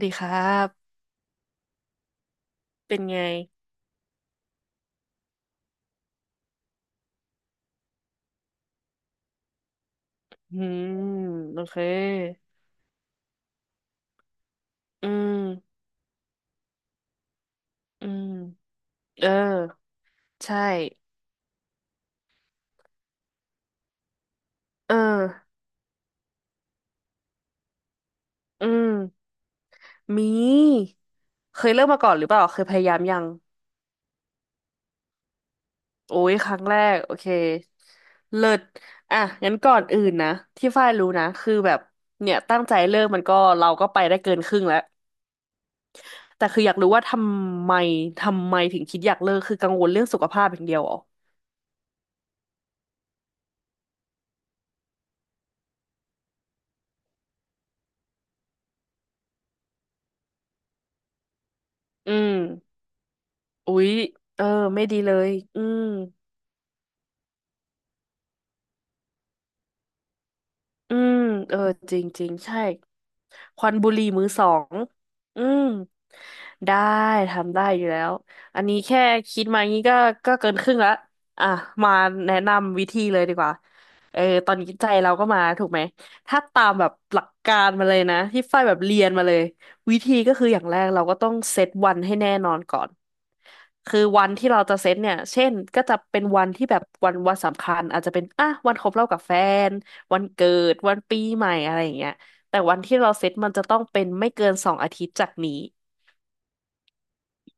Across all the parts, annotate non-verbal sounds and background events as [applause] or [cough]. ดีครับ เป็นไงอืมโอเคอืมอืมเออใช่เอออืมมีเคยเริ่มมาก่อนหรือเปล่าเคยพยายามยังโอ้ยครั้งแรกโอเคเลิศอ่ะงั้นก่อนอื่นนะ ที่ฝ้ายรู้นะ คือแบบเนี่ยตั้งใจเริ่มมันก็เราก็ไปได้เกินครึ่งแล้วแต่คืออยากรู้ว่าำไมทำไมถึงคิดอยากเลิกคือกังวลเรื่องสุขภาพอย่างเดียวเหรออืมอุ๊ยเออไม่ดีเลยอืม อืมเออจริงจริงใช่ควันบุหรี่มือสองอืมได้ทำได้อยู่แล้วอันนี้แค่คิดมางี้ก็ก็เกินครึ่งละอ่ะมาแนะนำวิธีเลยดีกว่าเออตอนนี้ใจเราก็มาถูกไหมถ้าตามแบบหลักการมาเลยนะที่ฝ้ายแบบเรียนมาเลยวิธีก็คืออย่างแรกเราก็ต้องเซตวันให้แน่นอนก่อนคือวันที่เราจะเซตเนี่ยเช่นก็จะเป็นวันที่แบบวันสำคัญอาจจะเป็นอ่ะวันครบรอบกับแฟน วันเกิดวันปีใหม่อะไรอย่างเงี้ยแต่วันที่เราเซตมันจะต้องเป็นไม่เกิน2 อาทิตย์จากนี้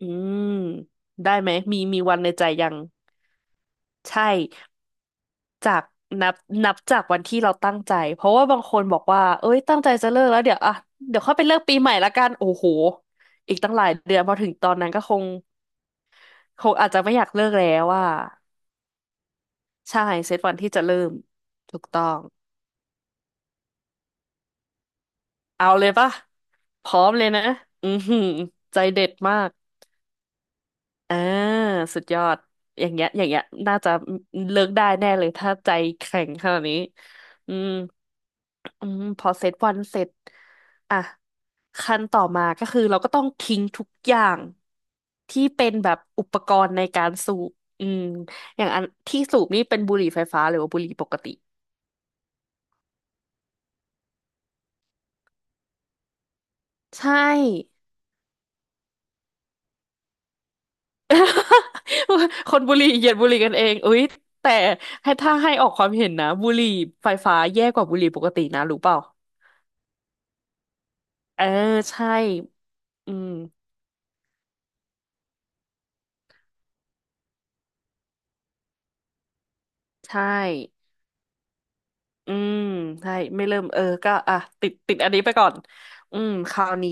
อืมได้ไหมมีวันในใจยังใช่จากนับนับจากวันที่เราตั้งใจเพราะว่าบางคนบอกว่าเอ้ยตั้งใจจะเลิกแล้วเดี๋ยวอ่ะเดี๋ยวค่อยไปเลิกปีใหม่ละกันโอ้โหอีกตั้งหลายเดือนพอถึงตอนนั้นก็คงอาจจะไม่อยากเลิกแล้วว่าใช่เซตวันที่จะเริ่มถูกต้องเอาเลยปะพร้อมเลยนะอือหือใจเด็ดมาก อ่าสุดยอดอย่างเงี้ยอย่างเงี้ยน่าจะเลิกได้แน่เลยถ้าใจแข็งขนาดนี้อืมอืมพอเซตวันเสร็จอ่ะขั้นต่อมาก็คือเราก็ต้องทิ้งทุกอย่างที่เป็นแบบอุปกรณ์ในการสูบอืมอย่างอันที่สูบนี่เป็นบุหรี่ไฟฟ้าหรือว่าบุหรี่ปกติใช่ [laughs] คนบุหรี่เหยียดบุหรี่กันเองอุ๊ยแต่ให้ถ้าให้ออกความเห็นนะบุหรี่ไฟฟ้าแย่กว่าบุหรี่ปกตินะรู้เปล่า เออใช่อืมใช่อืมใช่ไม่เริ่มเออก็อ่ะติดอันนี้ไปก่อนอืมคราวนี้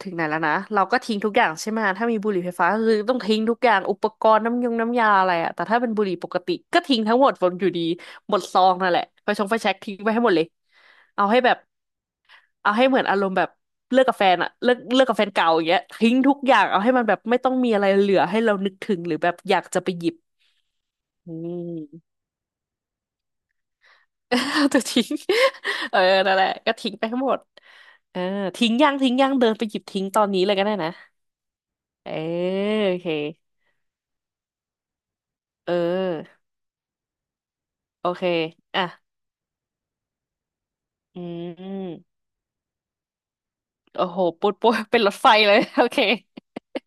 ถึงไหนแล้วนะเราก็ทิ้งทุกอย่างใช่ไหมถ้ามีบุหรี่ไฟฟ้าก็คือต้องทิ้งทุกอย่างอุปกรณ์น้ำยงน้ำยาอะไรอะแต่ถ้าเป็นบุหรี่ปกติก็ทิ้งทั้งหมดบนอยู่ดีหมดซองนั่นแหละไฟชงไฟแช็กทิ้งไปให้หมดเลยเอาให้แบบเอาให้เหมือนอารมณ์แบบเลิกกับแฟนอะเลิกกับแฟนเก่าอย่างเงี้ยทิ้งทุกอย่างเอาให้มันแบบไม่ต้องมีอะไรเหลือให้เรานึกถึงหรือแบบอยากจะไปหยิบอืม [laughs] ตัวทิ้ง [laughs] เออนั่นแหละก็ทิ้งไปทั้งหมดเออทิ้งย่างทิ้งย่างเดินไปหยิบทิ้งตอนนี้เลยก็ได้นะเออโอเคเออโอเคอ่ะอืมโอ้โหปุ๊ดปุ๊ดเป็นรถไฟเลย [laughs] โอเค [laughs]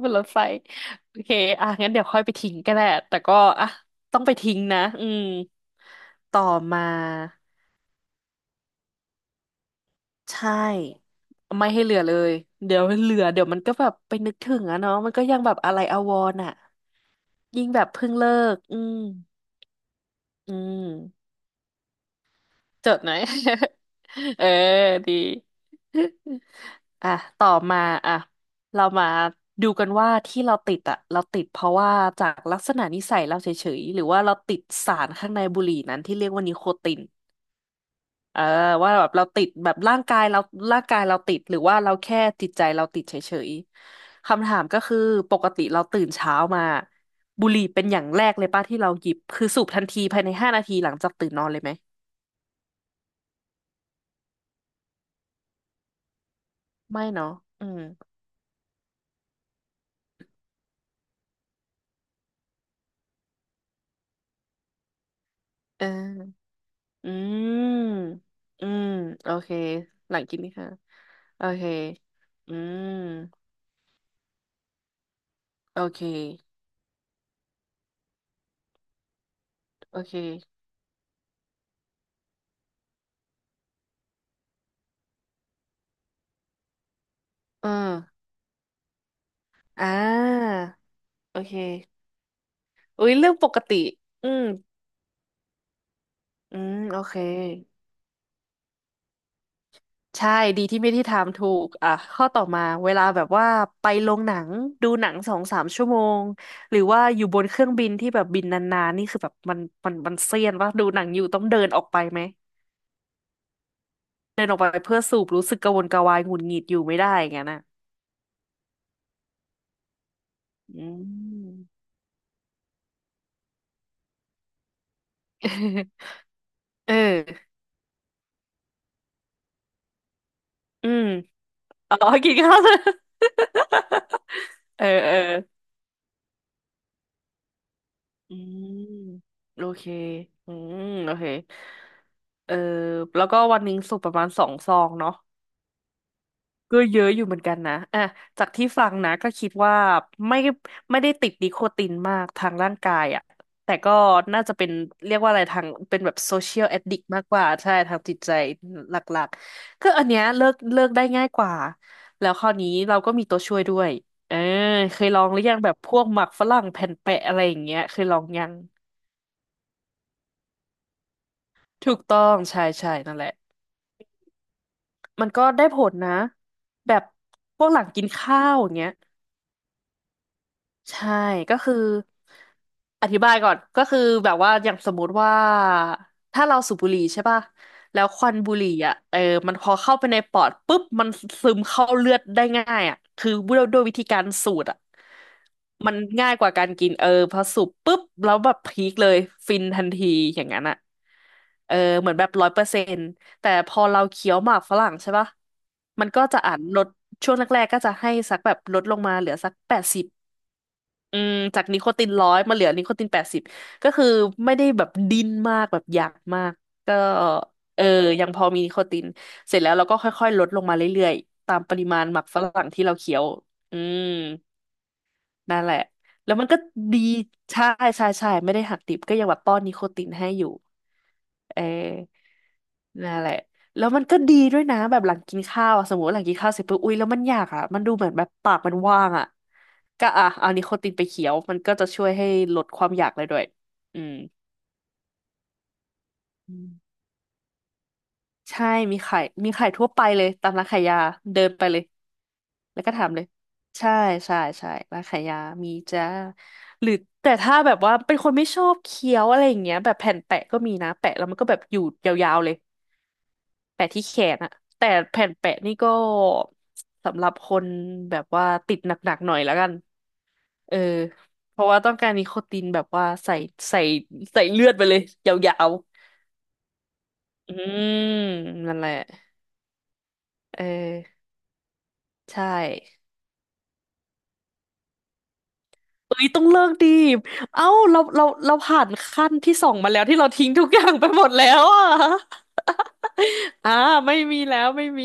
เป็นรถไฟโอเคอ่ะงั้นเดี๋ยวค่อยไปทิ้งก็ได้แต่ก็อ่ะต้องไปทิ้งนะอืมต่อมา ใช่ไม่ให้เหลือเลยเดี๋ยวเหลือเดี๋ยวมันก็แบบไปนึกถึงอะเนาะมันก็ยังแบบอะไรอาวรณ์อะยิ่งแบบเพิ่งเลิกอืมอืมจดหน่อย [laughs] เออดี [laughs] อ่ะต่อมาอ่ะเรามาดูกันว่าที่เราติดอ่ะเราติดเพราะว่าจากลักษณะนิสัยเราเฉยๆหรือว่าเราติดสารข้างในบุหรี่นั้นที่เรียกว่านิโคติน เออว่าแบบเราติดแบบร่างกายเราร่างกายเราติดหรือว่าเราแค่จิตใจเราติดเฉยๆคำถามก็คือปกติเราตื่นเช้ามาบุหรี่เป็นอย่างแรกเลยป่ะที่เราหยิบคือสูบทันทีภายใน5 นาทีหลังจากตื่นนอนเลยไหมไม่เนาะอืมเอออืมอืมโอเคหลังกินนี่ค่ะโอเคอืมโอเคโอเคเอออ่าโอเคอุ้ยเรื่องปกติอืมอืมโอเค ใช่ดีที่ไม่ที่ถามถูกอ่ะข้อต่อมาเวลาแบบว่าไปโรงหนังดูหนังสองสามชั่วโมงหรือว่าอยู่บนเครื่องบินที่แบบบินนานๆนี่คือแบบมันเซียนว่าดูหนังอยู่ต้องเดินออกไปไหมเดินออกไปเพื่อสูบรู้สึกกระวนกระวายหงุดหงิดอยู่ไม่ได้อย่างนั้นน่ะอืม [laughs] เอออืมอ๋อกินข้าว [laughs] เออเอออืมโอเคอืมโอเคเออแล้วก็วันหนึ่งสูบประมาณ2 ซองเนาะ ก็เยอะอยู่เหมือนกันนะอ่ะจากที่ฟังนะก็คิดว่าไม่ไม่ได้ติดนิโคตินมากทางร่างกายอ่ะแต่ก็น่าจะเป็นเรียกว่าอะไรทางเป็นแบบโซเชียลแอดดิกมากกว่าใช่ทางจิตใจหลักๆก็อันเนี้ยเลิกได้ง่ายกว่าแล้วคราวนี้เราก็มีตัวช่วยด้วยเออเคยลองหรือยังแบบพวกหมักฝรั่งแผ่นแปะอะไรอย่างเงี้ยเคยลองยังถูกต้องใช่ใช่นั่นแหละมันก็ได้ผลนะแบบพวกหลังกินข้าวอย่างเงี้ย ใช่ก็คืออธิบายก่อนก็คือแบบว่าอย่างสมมุติว่าถ้าเราสูบบุหรี่ใช่ป่ะแล้วควันบุหรี่อ่ะเออมันพอเข้าไปในปอดปุ๊บมันซึมเข้าเลือดได้ง่ายอ่ะคือด้วยวิธีการสูดอ่ะมันง่ายกว่าการกินเออพอสูบปุ๊บแล้วแบบพีคเลยฟินทันทีอย่างนั้นอ่ะเออเหมือนแบบร้อยเปอร์เซ็นต์แต่พอเราเคี้ยวหมากฝรั่งใช่ป่ะมันก็จะอ่านลดช่วงแรกๆก็จะให้สักแบบลดลงมาเหลือสักแปดสิบ อืมจากนิโคตินร้อยมาเหลือนิโคตินแปดสิบก็คือไม่ได้แบบดิ้นมากแบบอยากมากก็เออยังพอมีนิโคตินเสร็จแล้วเราก็ค่อยๆลดลงมาเรื่อยๆตามปริมาณหมักฝรั่งที่เราเคี้ยวอืม นั่นแหละแล้วมันก็ดีใช่ใช่ใช่ไม่ได้หักดิบก็ยังแบบป้อนนิโคตินให้อยู่เออนั่นแหละแล้วมันก็ดีด้วยนะแบบหลังกินข้าวอะสมมติว่าหลังกินข้าวเสร็จปุ๊บอุ๊ยแล้วมันอยากอ่ะมันดูเหมือนแบบปากมันว่างอ่ะก็อ่ะเอานิโคตินไปเคี้ยวมันก็จะช่วยให้ลดความอยากเลยด้วยอืมอืมใช่มีขายทั่วไปเลยตามร้านขายยาเดินไปเลย แล้วก็ถามเลยใช่ใช่ใช่ร้านขายยามีจ้าหรือแต่ถ้าแบบว่าเป็นคนไม่ชอบเคี้ยวอะไรอย่างเงี้ยแบบแผ่นแปะก็มีนะแปะแล้วมันก็แบบอยู่ยาวๆเลยแปะที่แขนอะแต่แผ่นแปะนี่ก็สำหรับคนแบบว่าติดหนักๆหน่อยแล้วกันเออเพราะว่าต้องการนิโคตินแบบว่าใส่ใส่เลือดไปเลยยาวๆอืมนั่นแหละเออใช่ เอ้ยต้องเลิกดีเอ้าเราผ่านขั้นที่สองมาแล้วที่เราทิ้งทุกอย่างไปหมดแล้วอ่ะ [laughs] อ่าไม่มีแล้วไม่มี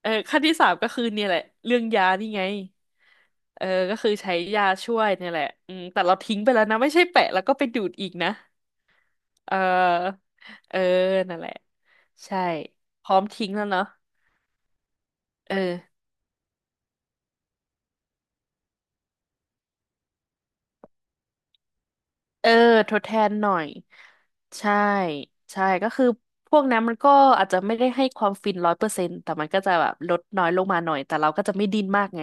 เออขั้นที่สามก็คือเนี่ยแหละเรื่องยานี่ไงเออก็คือใช้ยาช่วยเนี่ยแหละอืมแต่เราทิ้งไปแล้วนะไม่ใช่แปะแล้วก็ไปดูดอีกนะเออเออนั่นแหละใช่พร้อมทิ้งแล้วเนาะเออ เออทดแทนหน่อยใช่ใช่ก็คือพวกนั้นมันก็อาจจะไม่ได้ให้ความฟินร้อยเปอร์เซ็นต์แต่มันก็จะแบบลดน้อยลงมาหน่อยแต่เราก็จะไม่ดิ้นมากไง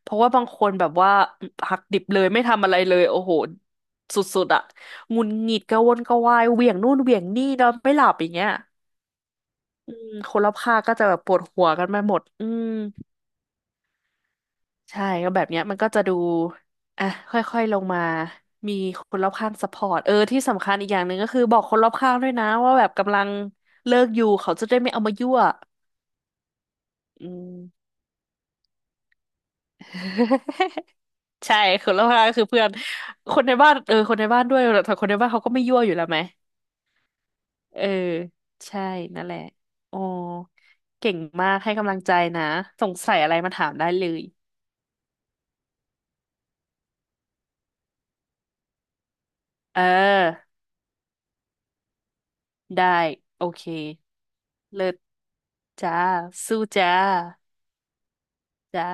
เพราะว่าบางคนแบบว่าหักดิบเลยไม่ทำอะไรเลยโอ้โหสุดๆอะหงุดหงิดกระวนกระวายเหวี่ยงนู่นเหวี่ยงนี่นอนไม่หลับอย่างเงี้ยอืมคนรอบข้างก็จะแบบปวดหัวกันไปหมดอืม ใช่ก็แบบเนี้ยมันก็จะดูอ่ะค่อยๆลงมามีคนรอบข้างซัพพอร์ตเออที่สำคัญอีกอย่างหนึ่งก็คือบอกคนรอบข้างด้วยนะว่าแบบกำลังเลิกอยู่เขาจะได้ไม่เอามายั่วอืม [laughs] ใช่คนรอบข้างก็คือเพื่อนคนในบ้านเออคนในบ้านด้วยแต่คนในบ้านเขาก็ไม่ยั่วอยู่แล้วไหมเออใช่นั่นแหละอ๋อเก่งมากให้กำลังใจนะสงสัยอะไรมาถามได้เลยเออ ได้โอเคเลิศจ้าสู้จ้าจ้า